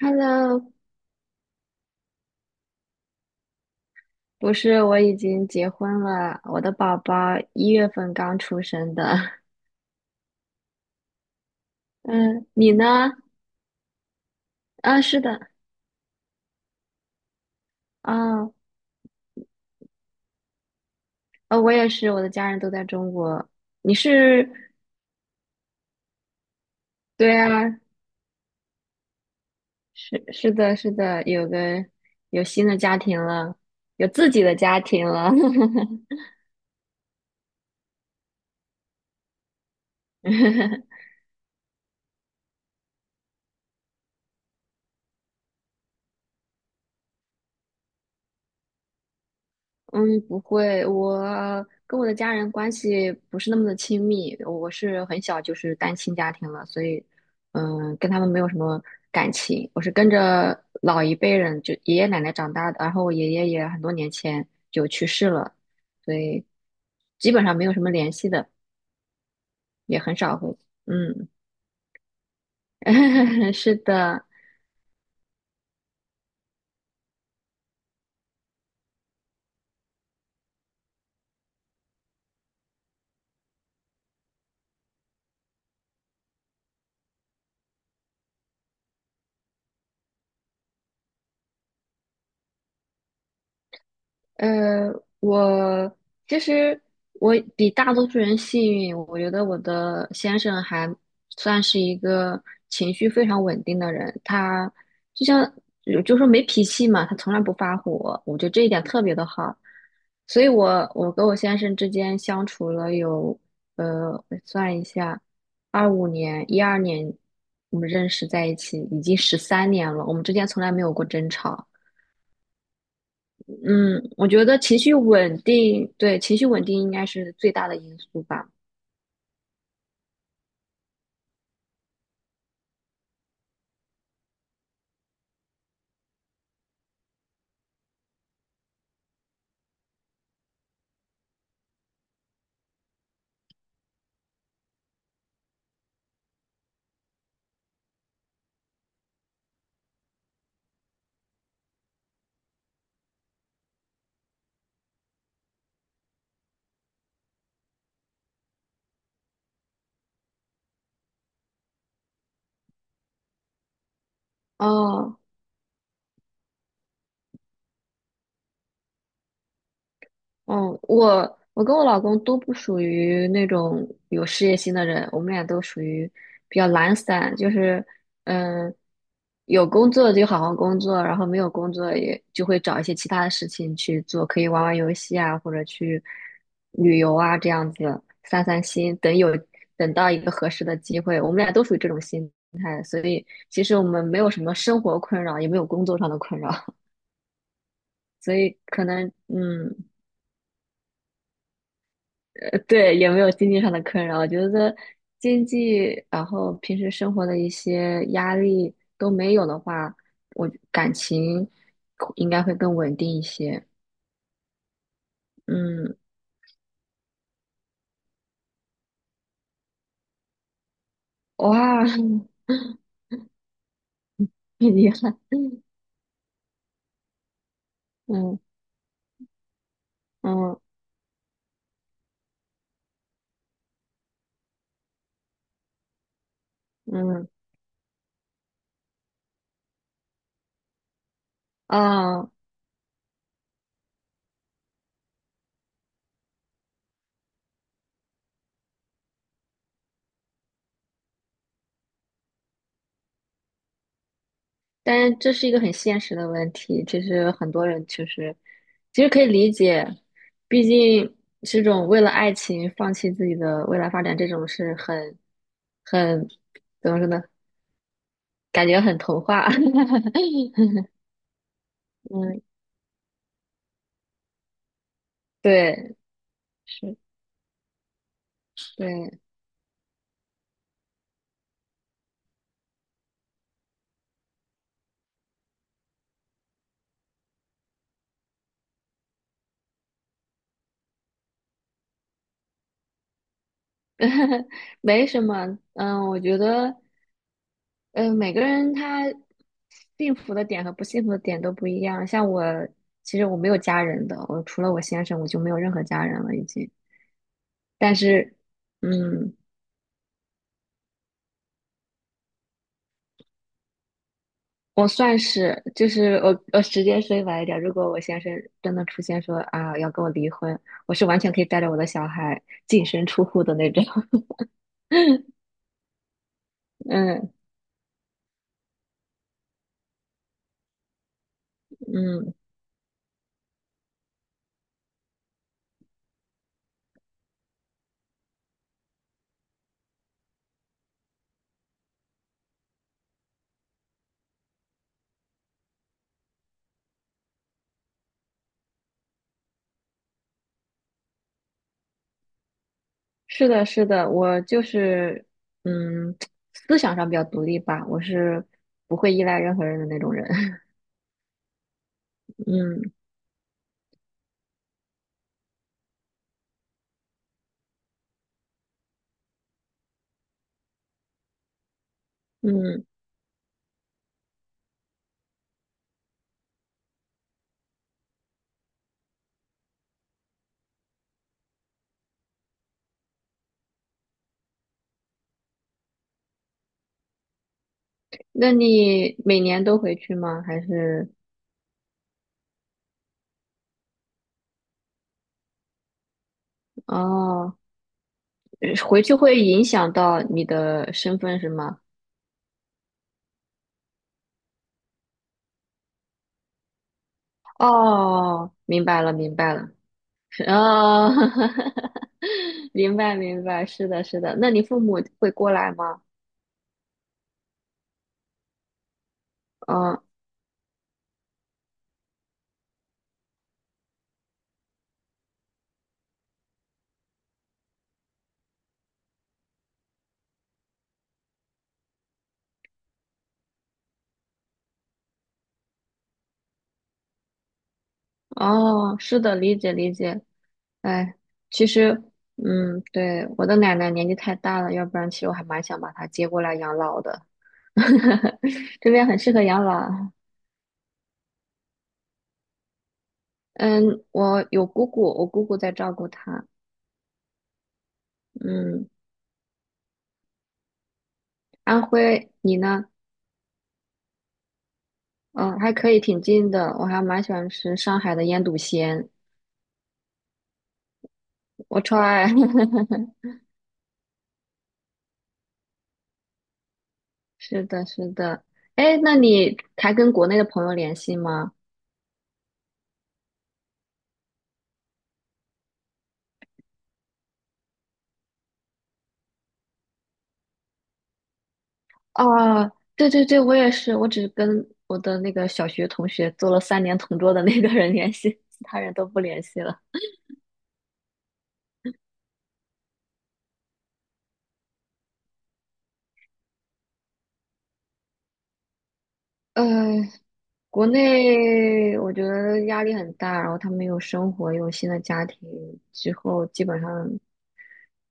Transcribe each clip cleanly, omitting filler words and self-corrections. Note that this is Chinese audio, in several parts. Hello，不是，我已经结婚了，我的宝宝1月份刚出生的。嗯，你呢？啊，是的，啊，我也是，我的家人都在中国。你是，对啊，是的，是的，有新的家庭了，有自己的家庭了。嗯，不会，我跟我的家人关系不是那么的亲密，我是很小就是单亲家庭了，所以，嗯，跟他们没有什么感情。我是跟着老一辈人，就爷爷奶奶长大的，然后我爷爷也很多年前就去世了，所以基本上没有什么联系的，也很少会，嗯，是的。呃，我其实我比大多数人幸运，我觉得我的先生还算是一个情绪非常稳定的人，他就像有就说没脾气嘛，他从来不发火，我觉得这一点特别的好，所以我跟我先生之间相处了有我算一下，二五年、一二年我们认识在一起，已经13年了，我们之间从来没有过争吵。嗯，我觉得情绪稳定，对，情绪稳定应该是最大的因素吧。哦，嗯，我跟我老公都不属于那种有事业心的人，我们俩都属于比较懒散，就是嗯，有工作就好好工作，然后没有工作也就会找一些其他的事情去做，可以玩玩游戏啊，或者去旅游啊，这样子散散心。等到一个合适的机会，我们俩都属于这种心态，所以其实我们没有什么生活困扰，也没有工作上的困扰，所以可能嗯。呃对，也没有经济上的困扰。我觉得经济，然后平时生活的一些压力都没有的话，我感情应该会更稳定一些。嗯，哇，厉害，嗯嗯嗯啊！但是这是一个很现实的问题，其实很多人其实可以理解，毕竟这种为了爱情放弃自己的未来发展，这种是很。怎么说呢？感觉很童话。嗯，对，是，对，没什么。嗯，我觉得，嗯，每个人他幸福的点和不幸福的点都不一样。像我，其实我没有家人的，我除了我先生，我就没有任何家人了已经。但是，嗯，我算是，就是我直接说晚一点，如果我先生真的出现说啊要跟我离婚，我是完全可以带着我的小孩净身出户的那种。嗯嗯，是的，是的，我就是，嗯，思想上比较独立吧，我是不会依赖任何人的那种人。嗯嗯，那你每年都回去吗？还是哦，回去会影响到你的身份是吗？哦，明白了，明白了，是哦，明白明白，是的，是的。那你父母会过来吗？嗯，哦，是的，理解理解。哎，其实，嗯，对，我的奶奶年纪太大了，要不然其实我还蛮想把她接过来养老的。这边很适合养老。嗯，我有姑姑，我姑姑在照顾她。嗯，安徽，你呢？嗯，还可以，挺近的。我还蛮喜欢吃上海的腌笃鲜，我超爱。是的，是的。哎，那你还跟国内的朋友联系吗？啊，对对对，我也是，我只跟我的那个小学同学做了三年同桌的那个人联系，其他人都不联系了。呃，国内我觉得压力很大，然后他们有生活，有新的家庭之后，基本上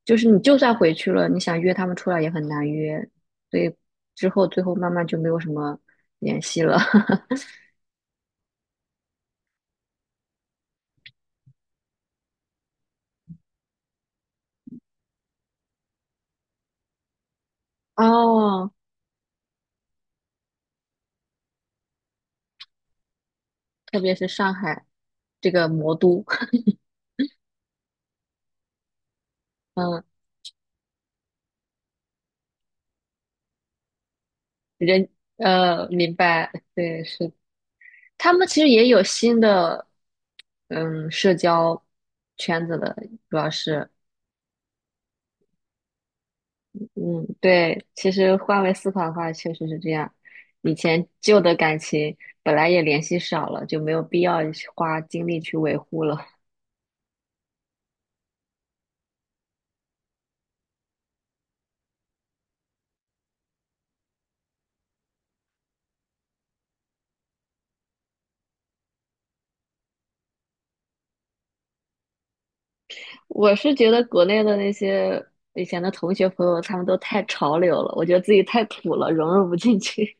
就是你就算回去了，你想约他们出来也很难约，所以之后最后慢慢就没有什么联系了。哦，特别是上海这个魔都，嗯，人明白，对，是他们其实也有新的，嗯，社交圈子的，主要是，嗯，对，其实换位思考的话，确实是这样。以前旧的感情本来也联系少了，就没有必要去花精力去维护了。我是觉得国内的那些以前的同学朋友，他们都太潮流了，我觉得自己太土了，融入不进去。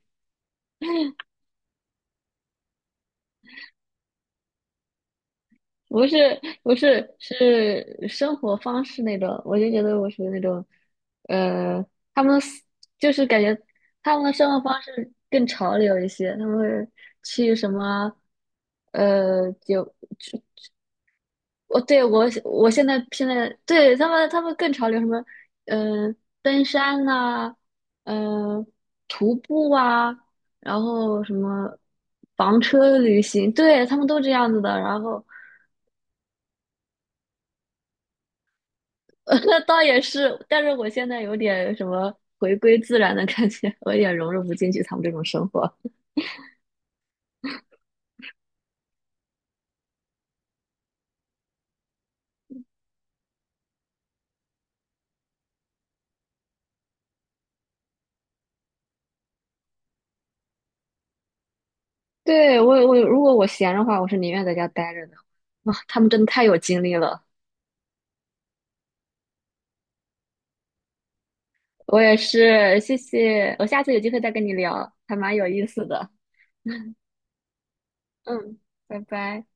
不是不是是生活方式那种，我就觉得我属于那种，呃，他们思就是感觉他们的生活方式更潮流一些，他们会去什么，呃，就我对我我现在对他们更潮流什么，嗯、登山呐、嗯、徒步啊，然后什么房车旅行，对他们都这样子的，然后。那倒也是，但是我现在有点什么回归自然的感觉，我有点融入不进去他们这种生活。对，我如果我闲的话，我是宁愿在家待着的。哇，他们真的太有精力了。我也是，谢谢，我下次有机会再跟你聊，还蛮有意思的。嗯，拜拜。